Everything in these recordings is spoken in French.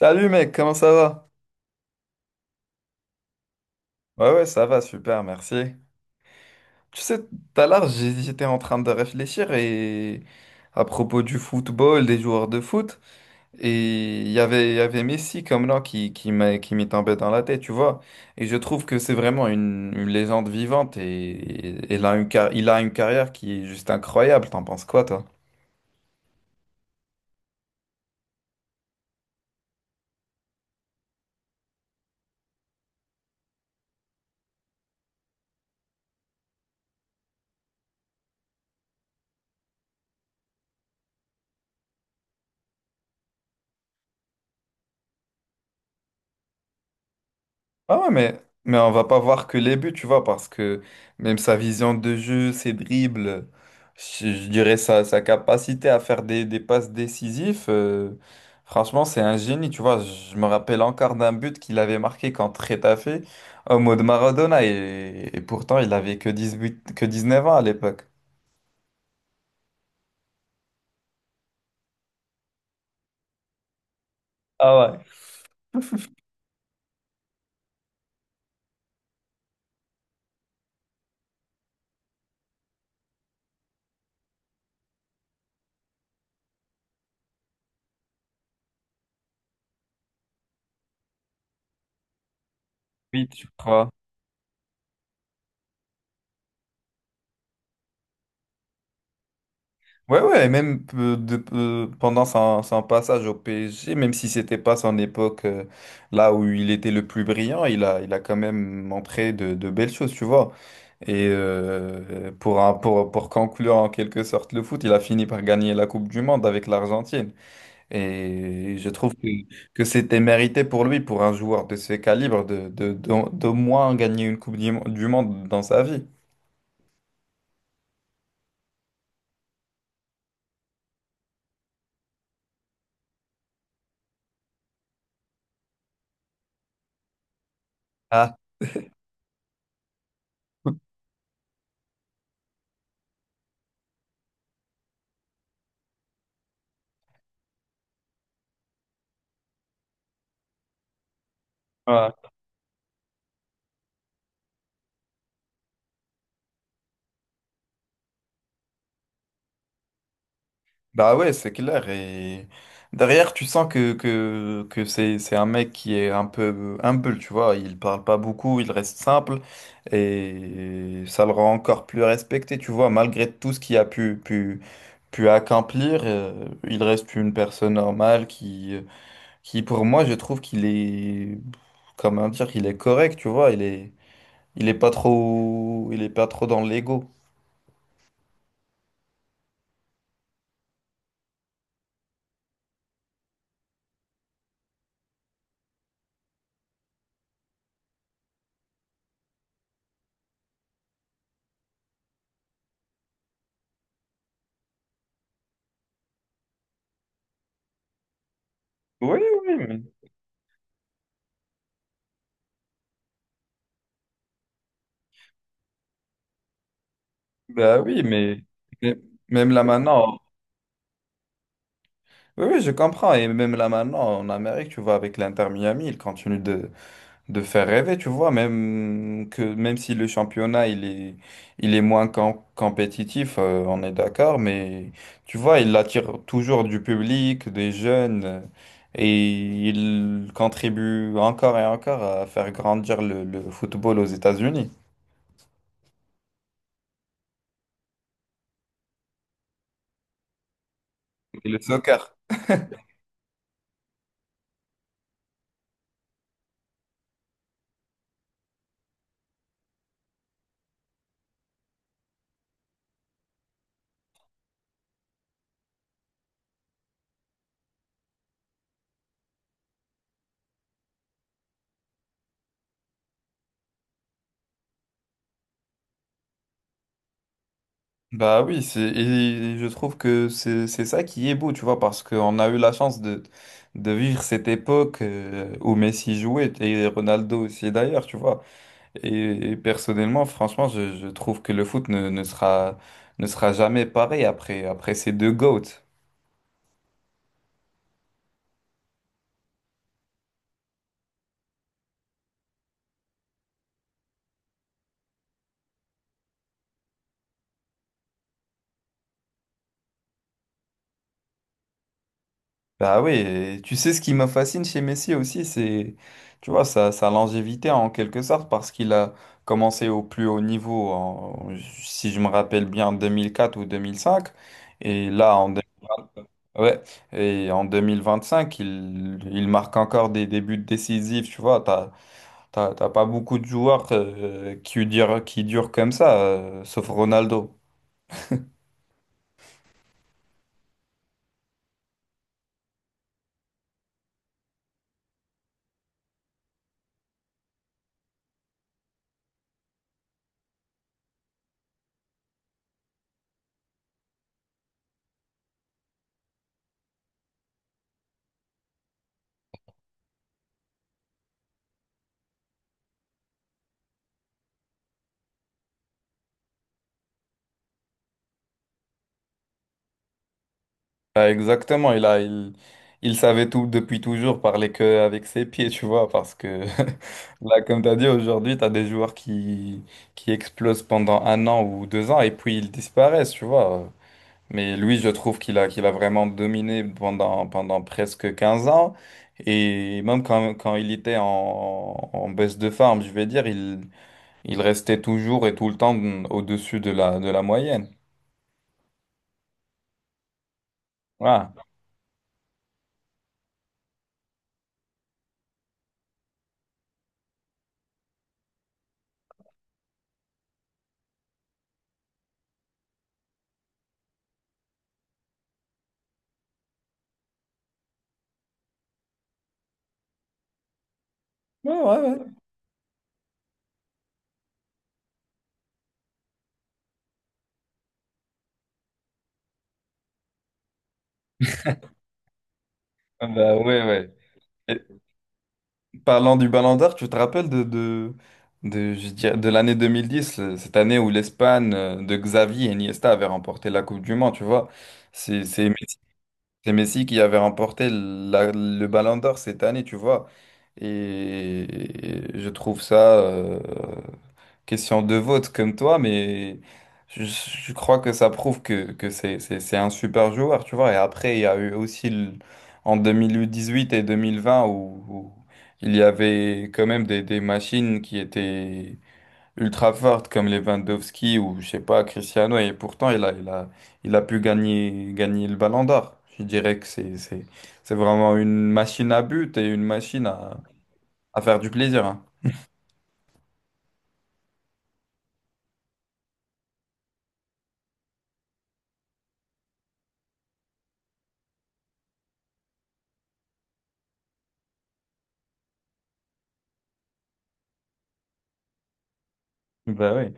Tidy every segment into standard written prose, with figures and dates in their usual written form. Salut mec, comment ça va? Ouais, ça va, super, merci. Tu sais, tout à l'heure, j'étais en train de réfléchir et à propos du football, des joueurs de foot, et il y avait Messi comme nom qui m'est tombé dans la tête, tu vois. Et je trouve que c'est vraiment une légende vivante et il a il a une carrière qui est juste incroyable. T'en penses quoi, toi? Ah ouais, mais on va pas voir que les buts, tu vois, parce que même sa vision de jeu, ses dribbles, je dirais sa capacité à faire des passes décisives, franchement, c'est un génie, tu vois. Je me rappelle encore d'un but qu'il avait marqué contre Getafe au mode Maradona, et pourtant, il avait que 18, que 19 ans à l'époque. Ah ouais. 8, tu crois. Ouais, ouais, et même pendant son passage au PSG, même si c'était pas son époque là où il était le plus brillant, il a quand même montré de belles choses, tu vois. Et pour conclure en quelque sorte le foot, il a fini par gagner la Coupe du Monde avec l'Argentine. Et je trouve que c'était mérité pour lui, pour un joueur de ce calibre, d'au moins gagner une du Monde dans sa vie. Ah. Ouais. Bah ouais, c'est clair. Et derrière, tu sens que c'est un mec qui est un peu humble, tu vois. Il parle pas beaucoup, il reste simple. Et ça le rend encore plus respecté, tu vois. Malgré tout ce qu'il a pu accomplir, il reste une personne normale qui pour moi, je trouve qu'il est, comment dire, qu'il est correct, tu vois. Il est pas trop, il est pas trop dans l'ego. Oui, oui, bah oui, mais même là maintenant. Oui, oui, je comprends. Et même là maintenant, en Amérique, tu vois, avec l'Inter Miami, il continue de faire rêver, tu vois, même que même si le championnat il est moins compétitif, on est d'accord, mais tu vois, il attire toujours du public, des jeunes, et il contribue encore et encore à faire grandir le football aux États-Unis et le soccer. Bah oui, c'est et je trouve que c'est ça qui est beau, tu vois, parce qu'on a eu la chance de vivre cette époque où Messi jouait et Ronaldo aussi d'ailleurs, tu vois. Et personnellement, franchement, je trouve que le foot ne sera jamais pareil après ces deux GOATs. Bah oui, et tu sais ce qui me fascine chez Messi aussi, c'est, tu vois, sa longévité en quelque sorte, parce qu'il a commencé au plus haut niveau, si je me rappelle bien, en 2004 ou 2005, et là, ouais, et en 2025, il marque encore des buts décisifs, tu vois, t'as pas beaucoup de joueurs qui durent comme ça, sauf Ronaldo. Ah, exactement, il savait tout depuis toujours parler que avec ses pieds, tu vois, parce que là, comme tu as dit, aujourd'hui, tu as des joueurs qui explosent pendant un an ou deux ans et puis ils disparaissent, tu vois. Mais lui, je trouve qu'il a vraiment dominé pendant presque 15 ans. Et même quand il était en baisse de forme, je vais dire, il restait toujours et tout le temps au-dessus de la moyenne. Voilà. Ouais, ouais, ouais. Bah, ouais, ouais. Parlant du Ballon d'Or, tu te rappelles je dirais, de l'année 2010, cette année où l'Espagne de Xavi et Iniesta avait remporté la Coupe du Monde, tu vois. C'est c'est Messi, c'est Messi qui avait remporté le Ballon d'Or cette année, tu vois. Et, et je trouve ça, question de vote comme toi, mais je crois que ça prouve que c'est un super joueur, tu vois. Et après, il y a eu aussi en 2018 et 2020 où il y avait quand même des machines qui étaient ultra fortes comme Lewandowski ou je sais pas, Cristiano. Et pourtant, il a pu gagner le Ballon d'Or. Je dirais que c'est vraiment une machine à but et une machine à faire du plaisir, hein. Bah oui.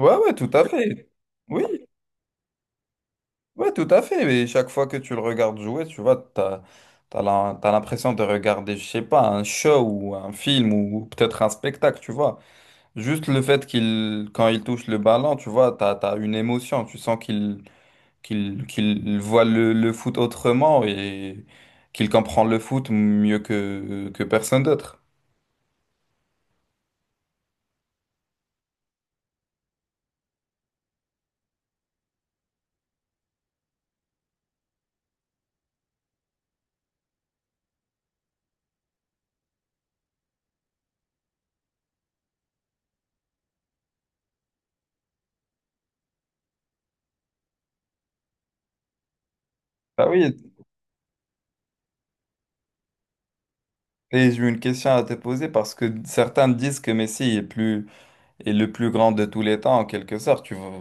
Ouais, ouais, tout à fait. Oui, ouais, tout à fait. Mais chaque fois que tu le regardes jouer, tu vois, t'as l'impression de regarder, je sais pas, un show ou un film ou peut-être un spectacle, tu vois. Juste le fait qu'il, quand il touche le ballon, tu vois, t'as une émotion. Tu sens qu'il voit le foot autrement et qu'il comprend le foot mieux que personne d'autre. Bah oui. Et j'ai une question à te poser parce que certains disent que Messi est plus Et le plus grand de tous les temps, en quelque sorte. Tu vois.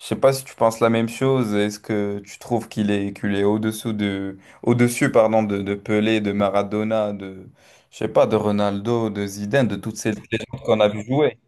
Je sais pas si tu penses la même chose. Est-ce que tu trouves qu'il est au-dessous de, au-dessus, pardon, de Pelé, de Maradona, je sais pas, de Ronaldo, de Zidane, de toutes ces légendes qu'on a vu jouer?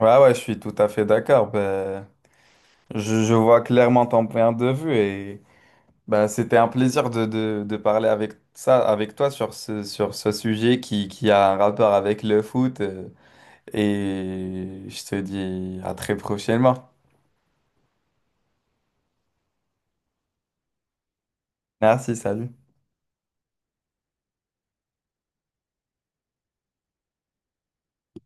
Ouais, ouais, je suis tout à fait d'accord. Ben, je vois clairement ton point de vue et ben, c'était un plaisir de parler avec ça, avec toi sur ce sujet qui a un rapport avec le foot. Et je te dis à très prochainement. Merci, salut.